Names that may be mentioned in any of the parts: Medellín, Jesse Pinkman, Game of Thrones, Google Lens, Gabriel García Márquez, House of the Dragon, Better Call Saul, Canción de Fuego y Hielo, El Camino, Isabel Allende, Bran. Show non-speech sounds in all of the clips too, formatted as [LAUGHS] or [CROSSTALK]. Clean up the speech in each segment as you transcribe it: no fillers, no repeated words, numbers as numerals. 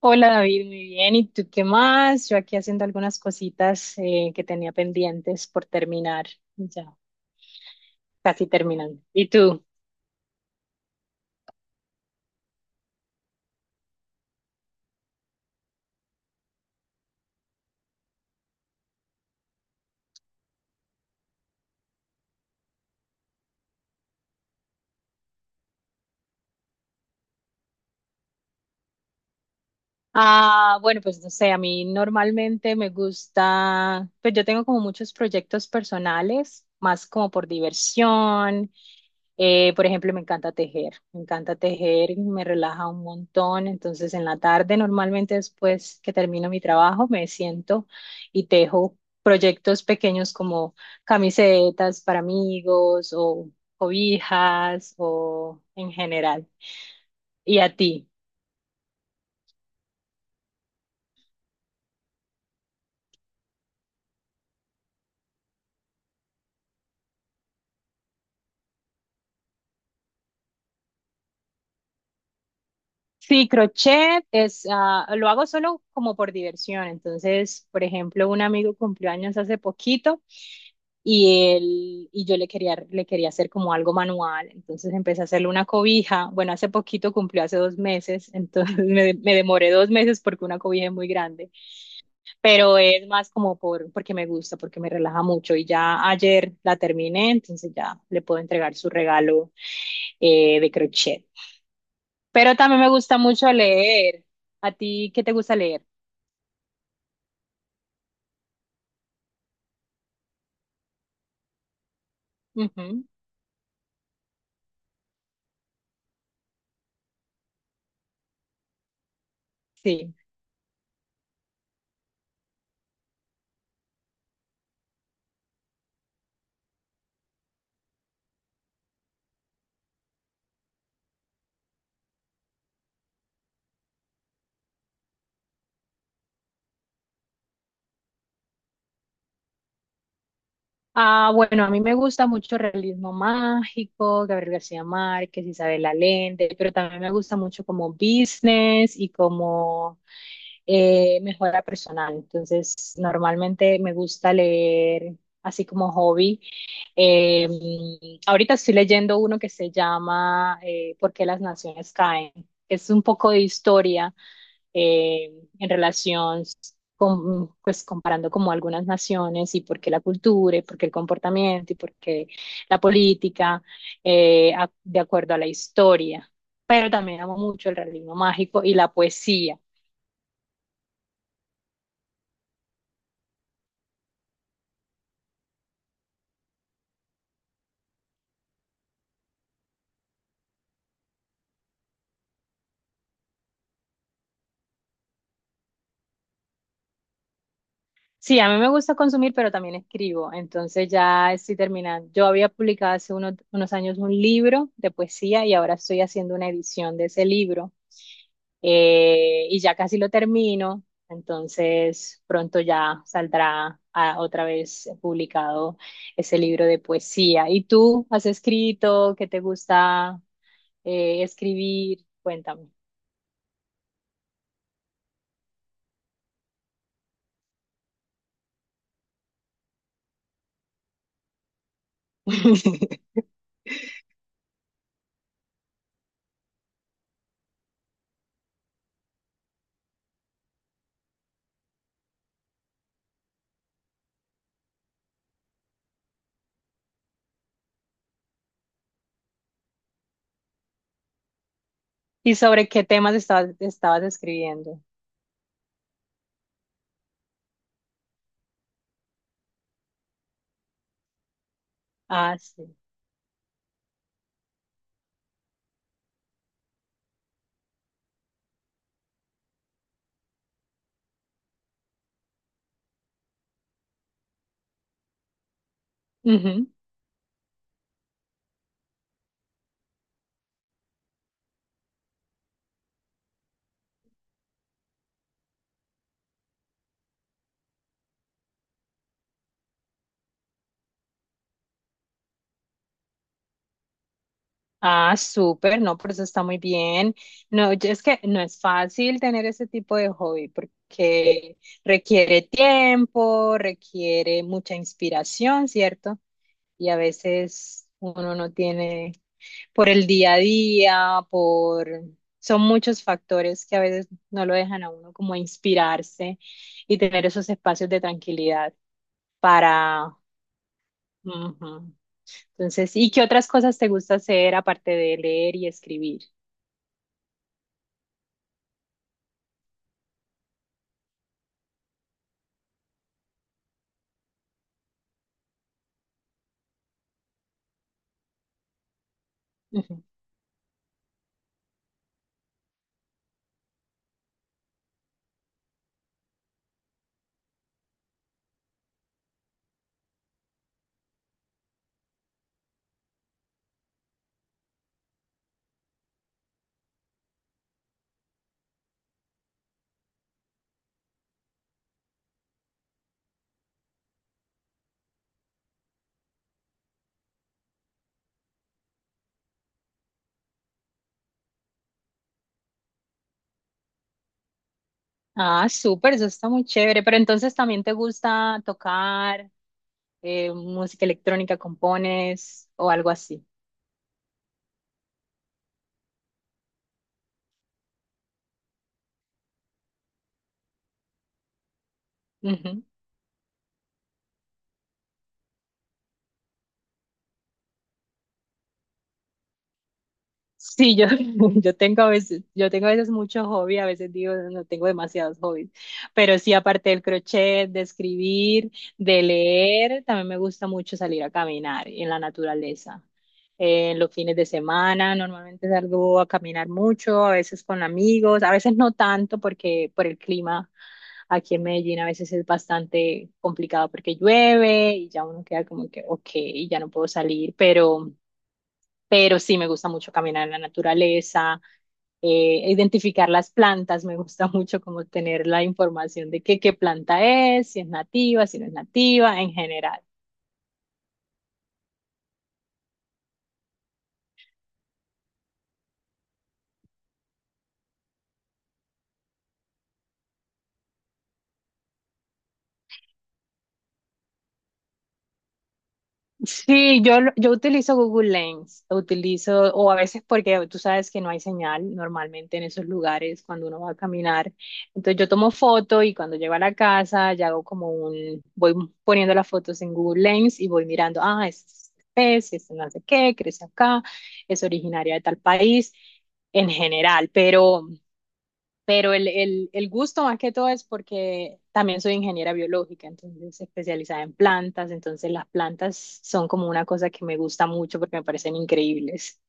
Hola David, muy bien. ¿Y tú qué más? Yo aquí haciendo algunas cositas que tenía pendientes por terminar. Ya, casi terminando. ¿Y tú? Ah, bueno, pues no sé, a mí normalmente me gusta, pues yo tengo como muchos proyectos personales, más como por diversión. Por ejemplo, me encanta tejer, me encanta tejer, me relaja un montón. Entonces, en la tarde, normalmente después que termino mi trabajo, me siento y tejo proyectos pequeños como camisetas para amigos o cobijas o en general. ¿Y a ti? Sí, crochet es, lo hago solo como por diversión. Entonces, por ejemplo, un amigo cumplió años hace poquito, y él y yo le quería hacer como algo manual, entonces empecé a hacerle una cobija. Bueno, hace poquito cumplió hace 2 meses, entonces [LAUGHS] me demoré 2 meses porque una cobija es muy grande, pero es más como porque me gusta, porque me relaja mucho y ya ayer la terminé, entonces ya le puedo entregar su regalo de crochet. Pero también me gusta mucho leer. ¿A ti qué te gusta leer? Ujú, sí. Ah, bueno, a mí me gusta mucho el realismo mágico, Gabriel García Márquez, Isabel Allende, pero también me gusta mucho como business y como mejora personal. Entonces, normalmente me gusta leer así como hobby. Eh, Ahorita estoy leyendo uno que se llama ¿Por qué las naciones caen? Es un poco de historia eh, en relación con, pues comparando como algunas naciones y por qué la cultura y por qué el comportamiento y por qué la política de acuerdo a la historia. Pero también amo mucho el realismo mágico y la poesía. Sí, a mí me gusta consumir, pero también escribo. Entonces ya estoy terminando. Yo había publicado hace unos años un libro de poesía y ahora estoy haciendo una edición de ese libro y ya casi lo termino. Entonces pronto ya saldrá otra vez publicado ese libro de poesía. ¿Y tú has escrito? ¿Qué te gusta escribir? Cuéntame. [LAUGHS] ¿Y sobre qué temas estabas escribiendo? Ah, sí. Ujú. Ah, súper, no, por eso está muy bien. No, es que no es fácil tener ese tipo de hobby porque requiere tiempo, requiere mucha inspiración, ¿cierto? Y a veces uno no tiene por el día a día. Son muchos factores que a veces no lo dejan a uno como inspirarse y tener esos espacios de tranquilidad. para... Entonces, ¿y qué otras cosas te gusta hacer aparte de leer y escribir? Ujú. Ah, súper, eso está muy chévere. Pero entonces también te gusta tocar música electrónica, compones o algo así. Sí, yo, [LAUGHS] yo tengo a veces, mucho hobby, a veces digo, no tengo demasiados hobbies, pero sí, aparte del crochet, de escribir, de leer, también me gusta mucho salir a caminar en la naturaleza. En los fines de semana normalmente salgo a caminar mucho, a veces con amigos, a veces no tanto porque por el clima aquí en Medellín a veces es bastante complicado porque llueve y ya uno queda como que, ok, ya no puedo salir, pero sí me gusta mucho caminar en la naturaleza, identificar las plantas, me gusta [LAUGHS] mucho como tener la información de qué, planta es, si es nativa, si no es nativa, en general. Sí, yo utilizo Google Lens, utilizo, o a veces porque tú sabes que no hay señal normalmente en esos lugares cuando uno va a caminar. Entonces yo tomo foto y cuando llego a la casa ya hago como voy poniendo las fotos en Google Lens y voy mirando, ah, es especie, es no sé qué, crece acá, es originaria de tal país en general. Pero el gusto más que todo es porque también soy ingeniera biológica, entonces especializada en plantas, entonces las plantas son como una cosa que me gusta mucho porque me parecen increíbles.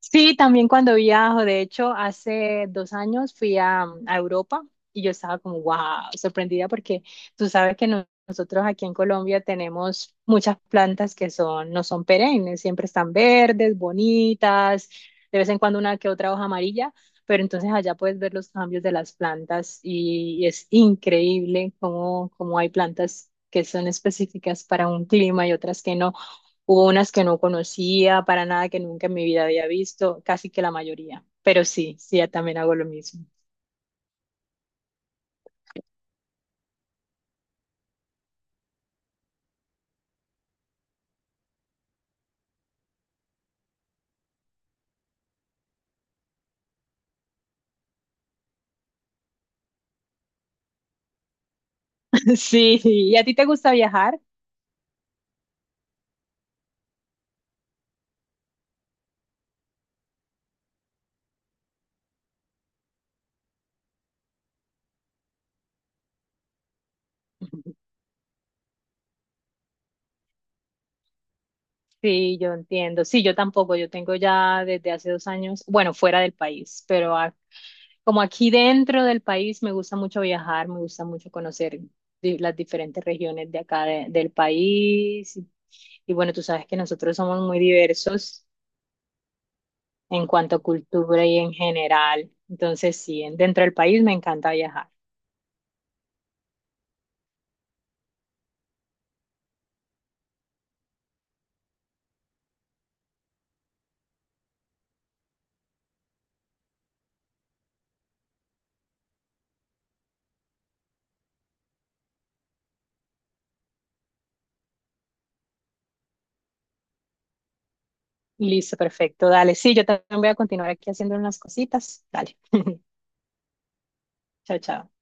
Sí, también cuando viajo, de hecho, hace 2 años fui a Europa y yo estaba como, wow, sorprendida porque tú sabes que nosotros aquí en Colombia tenemos muchas plantas que son, no son perennes, siempre están verdes, bonitas, de vez en cuando una que otra hoja amarilla, pero entonces allá puedes ver los cambios de las plantas, y es increíble cómo hay plantas que son específicas para un clima y otras que no. Hubo unas que no conocía para nada, que nunca en mi vida había visto, casi que la mayoría. Pero sí, sí, ya también hago lo mismo. [LAUGHS] Sí, sí. ¿Y a ti te gusta viajar? [LAUGHS] Sí, yo entiendo. Sí, yo tampoco. Yo tengo ya desde hace 2 años, bueno, fuera del país, pero como aquí dentro del país me gusta mucho viajar, me gusta mucho conocer las diferentes regiones de acá del país. Y bueno, tú sabes que nosotros somos muy diversos en cuanto a cultura y en general. Entonces, sí, dentro del país me encanta viajar. Listo, perfecto, dale. Sí, yo también voy a continuar aquí haciendo unas cositas. Dale. [LAUGHS] Chao, chao.